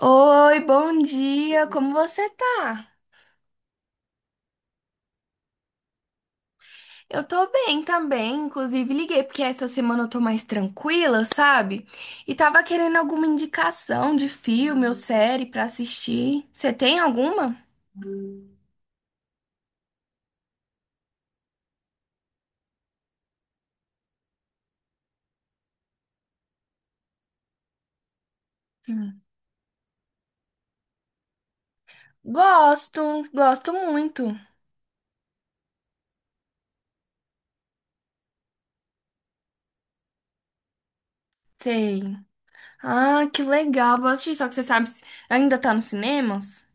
Oi, bom dia, como você tá? Eu tô bem também, inclusive liguei porque essa semana eu tô mais tranquila, sabe? E tava querendo alguma indicação de filme ou série pra assistir. Você tem alguma? Hum. Gosto, gosto muito. Sei. Ah, que legal, vou assistir, só que você sabe, se ainda tá nos cinemas?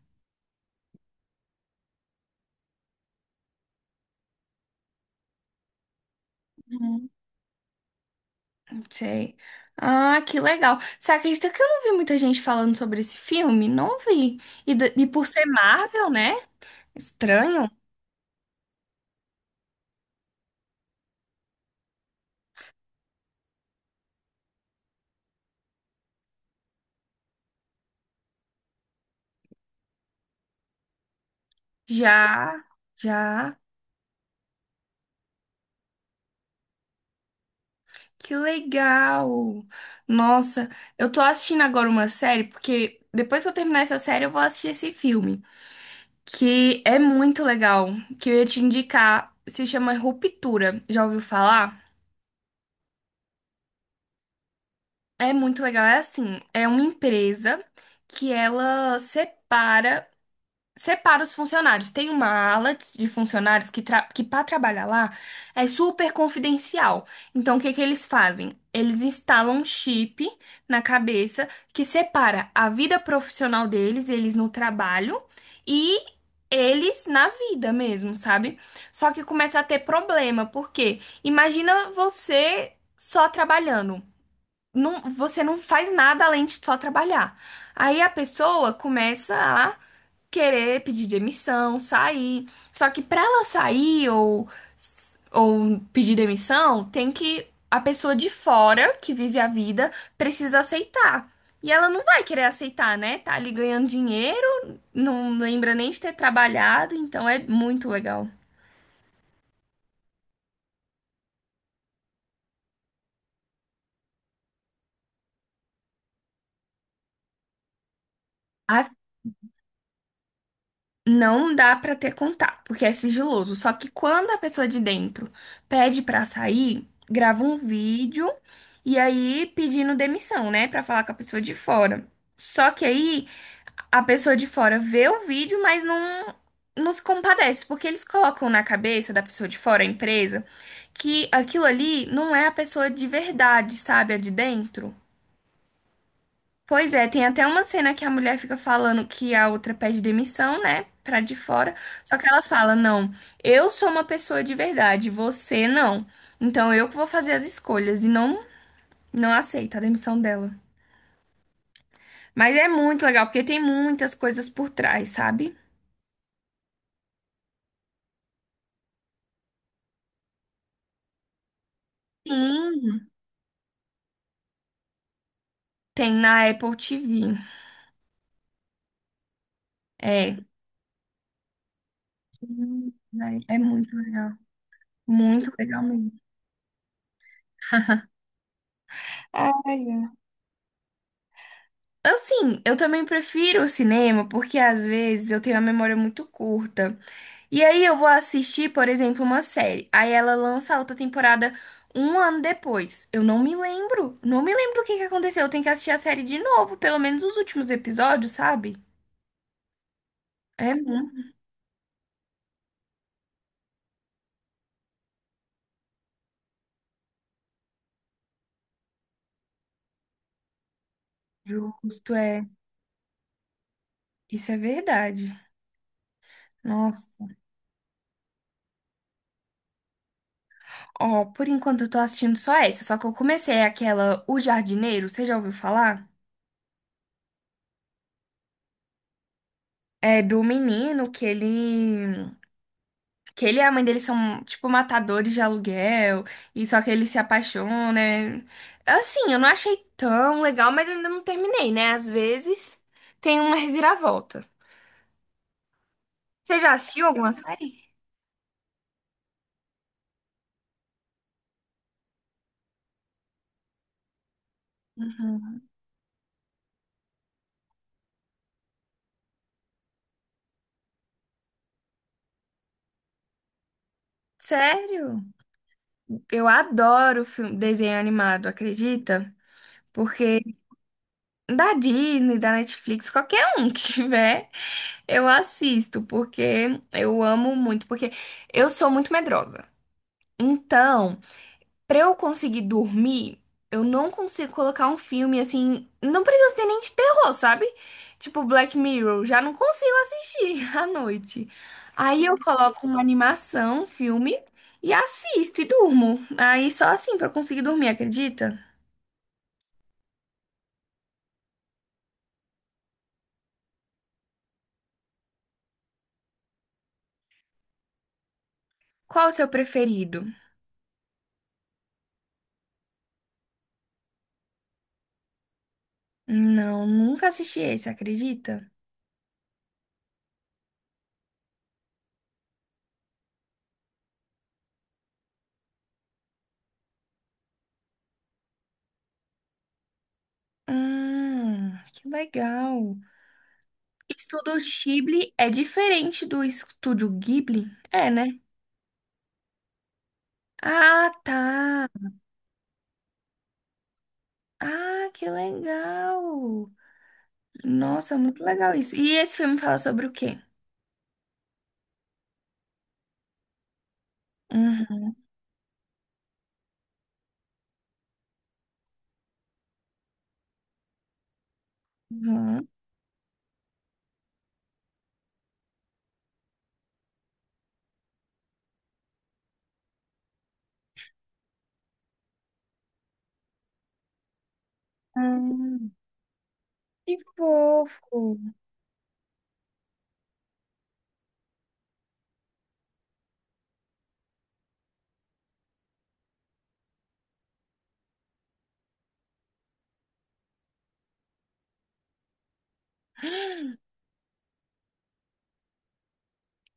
Uhum. Sei. Ah, que legal. Você acredita que eu não vi muita gente falando sobre esse filme? Não vi. E, e por ser Marvel, né? Estranho? Já, já. Que legal! Nossa, eu tô assistindo agora uma série, porque depois que eu terminar essa série, eu vou assistir esse filme, que é muito legal, que eu ia te indicar. Se chama Ruptura. Já ouviu falar? É muito legal. É assim, é uma empresa que ela Separa os funcionários. Tem uma ala de funcionários que, que para trabalhar lá é super confidencial. Então, o que que eles fazem? Eles instalam um chip na cabeça que separa a vida profissional deles, eles no trabalho, e eles na vida mesmo, sabe? Só que começa a ter problema, porque imagina você só trabalhando você não faz nada além de só trabalhar. Aí a pessoa começa a querer pedir demissão, sair. Só que para ela sair ou pedir demissão, tem que a pessoa de fora que vive a vida precisa aceitar. E ela não vai querer aceitar, né? Tá ali ganhando dinheiro, não lembra nem de ter trabalhado, então é muito legal. Não dá pra ter contato, porque é sigiloso. Só que quando a pessoa de dentro pede pra sair, grava um vídeo e aí pedindo demissão, né, pra falar com a pessoa de fora. Só que aí a pessoa de fora vê o vídeo, mas não se compadece, porque eles colocam na cabeça da pessoa de fora, a empresa, que aquilo ali não é a pessoa de verdade, sabe, a de dentro. Pois é, tem até uma cena que a mulher fica falando que a outra pede demissão, né? Pra de fora. Só que ela fala: não, eu sou uma pessoa de verdade, você não. Então eu que vou fazer as escolhas. E não, não aceita a demissão dela. Mas é muito legal, porque tem muitas coisas por trás, sabe? Sim, tem na Apple TV. É. Hum, é muito legal. Muito legal mesmo. Ai, é. Assim, eu também prefiro o cinema porque às vezes eu tenho a memória muito curta. E aí eu vou assistir, por exemplo, uma série. Aí ela lança a outra temporada um ano depois. Eu não me lembro. Não me lembro o que que aconteceu. Eu tenho que assistir a série de novo, pelo menos os últimos episódios, sabe? É muito justo, é. Isso é verdade. Nossa. Ó, por enquanto eu tô assistindo só essa, só que eu comecei aquela O Jardineiro, você já ouviu falar? É do menino que ele que ele e a mãe dele são, tipo, matadores de aluguel, e só que ele se apaixona. Né? Assim, eu não achei tão legal, mas eu ainda não terminei, né? Às vezes tem uma reviravolta. Você já assistiu alguma série? Sério? Eu adoro filme, desenho animado, acredita? Porque da Disney, da Netflix, qualquer um que tiver, eu assisto, porque eu amo muito, porque eu sou muito medrosa. Então, pra eu conseguir dormir, eu não consigo colocar um filme assim. Não precisa ser nem de terror, sabe? Tipo Black Mirror, já não consigo assistir à noite. Aí eu coloco uma animação, um filme, e assisto e durmo. Aí só assim pra eu conseguir dormir, acredita? Qual o seu preferido? Não, nunca assisti esse, acredita? Que legal. Estúdio Ghibli é diferente do Estúdio Ghibli? É, né? Ah, tá. Ah, que legal! Nossa, muito legal isso. E esse filme fala sobre o quê? Uhum. Uhum. Hum, que fofo!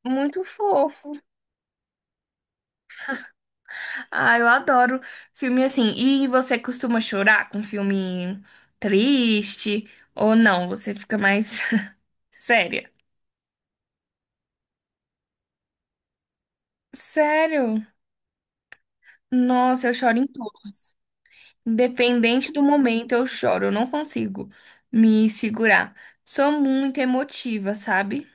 Muito fofo. Ah, eu adoro filme assim. E você costuma chorar com filme triste? Ou não? Você fica mais séria? Sério? Nossa, eu choro em todos. Independente do momento, eu choro. Eu não consigo me segurar. Sou muito emotiva, sabe?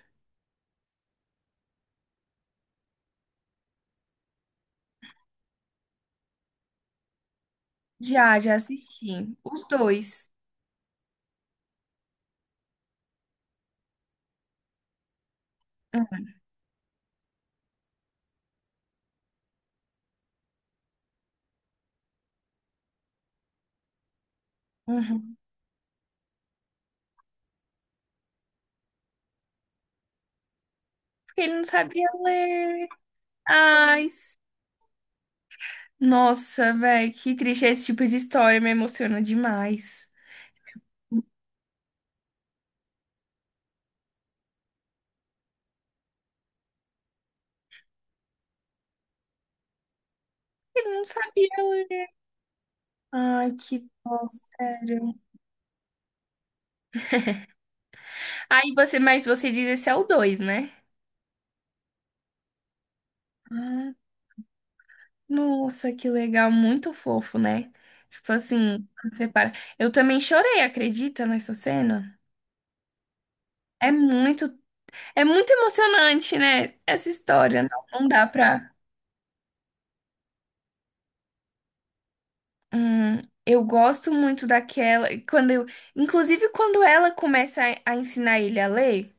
Já, já assisti. Os dois. Uhum. Porque ele não sabia ler. Ai, s- Nossa, velho, que triste. Esse tipo de história me emociona demais. Ele não sabia ler. Ai, que dó, sério. Aí você, mas você diz esse é o dois, né? Ah, nossa, que legal, muito fofo, né? Tipo assim, quando você para. Eu também chorei, acredita, nessa cena? É muito, é muito emocionante, né? Essa história. Não, não dá pra. Hum, eu gosto muito daquela. Quando eu, inclusive, quando ela começa a ensinar ele a ler,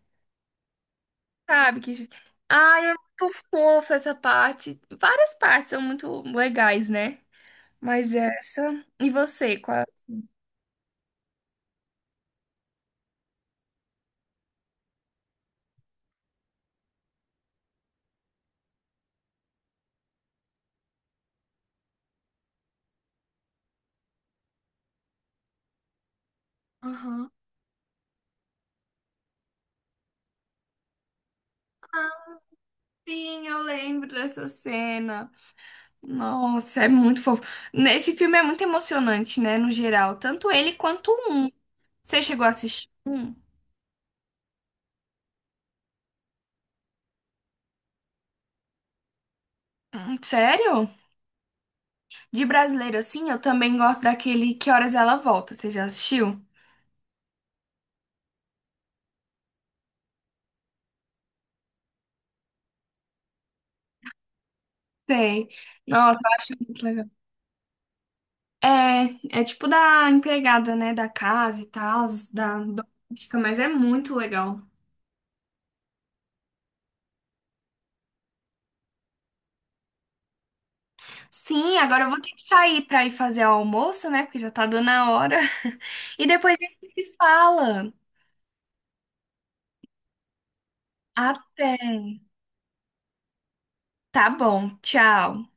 sabe? Que, ai, é muito fofa essa parte. Várias partes são muito legais, né? Mas essa. E você, qual? Aham. Sim, eu lembro dessa cena. Nossa, é muito fofo. Esse filme é muito emocionante, né? No geral, tanto ele quanto o um. Você chegou a assistir um? Sério? De brasileiro, assim, eu também gosto daquele Que Horas Ela Volta. Você já assistiu? Tem. Nossa, eu acho muito legal. É, é tipo da empregada, né? Da casa e tal, da doméstica, mas é muito legal. Sim, agora eu vou ter que sair pra ir fazer o almoço, né? Porque já tá dando a hora. E depois a gente se fala. Até. Tá bom, tchau.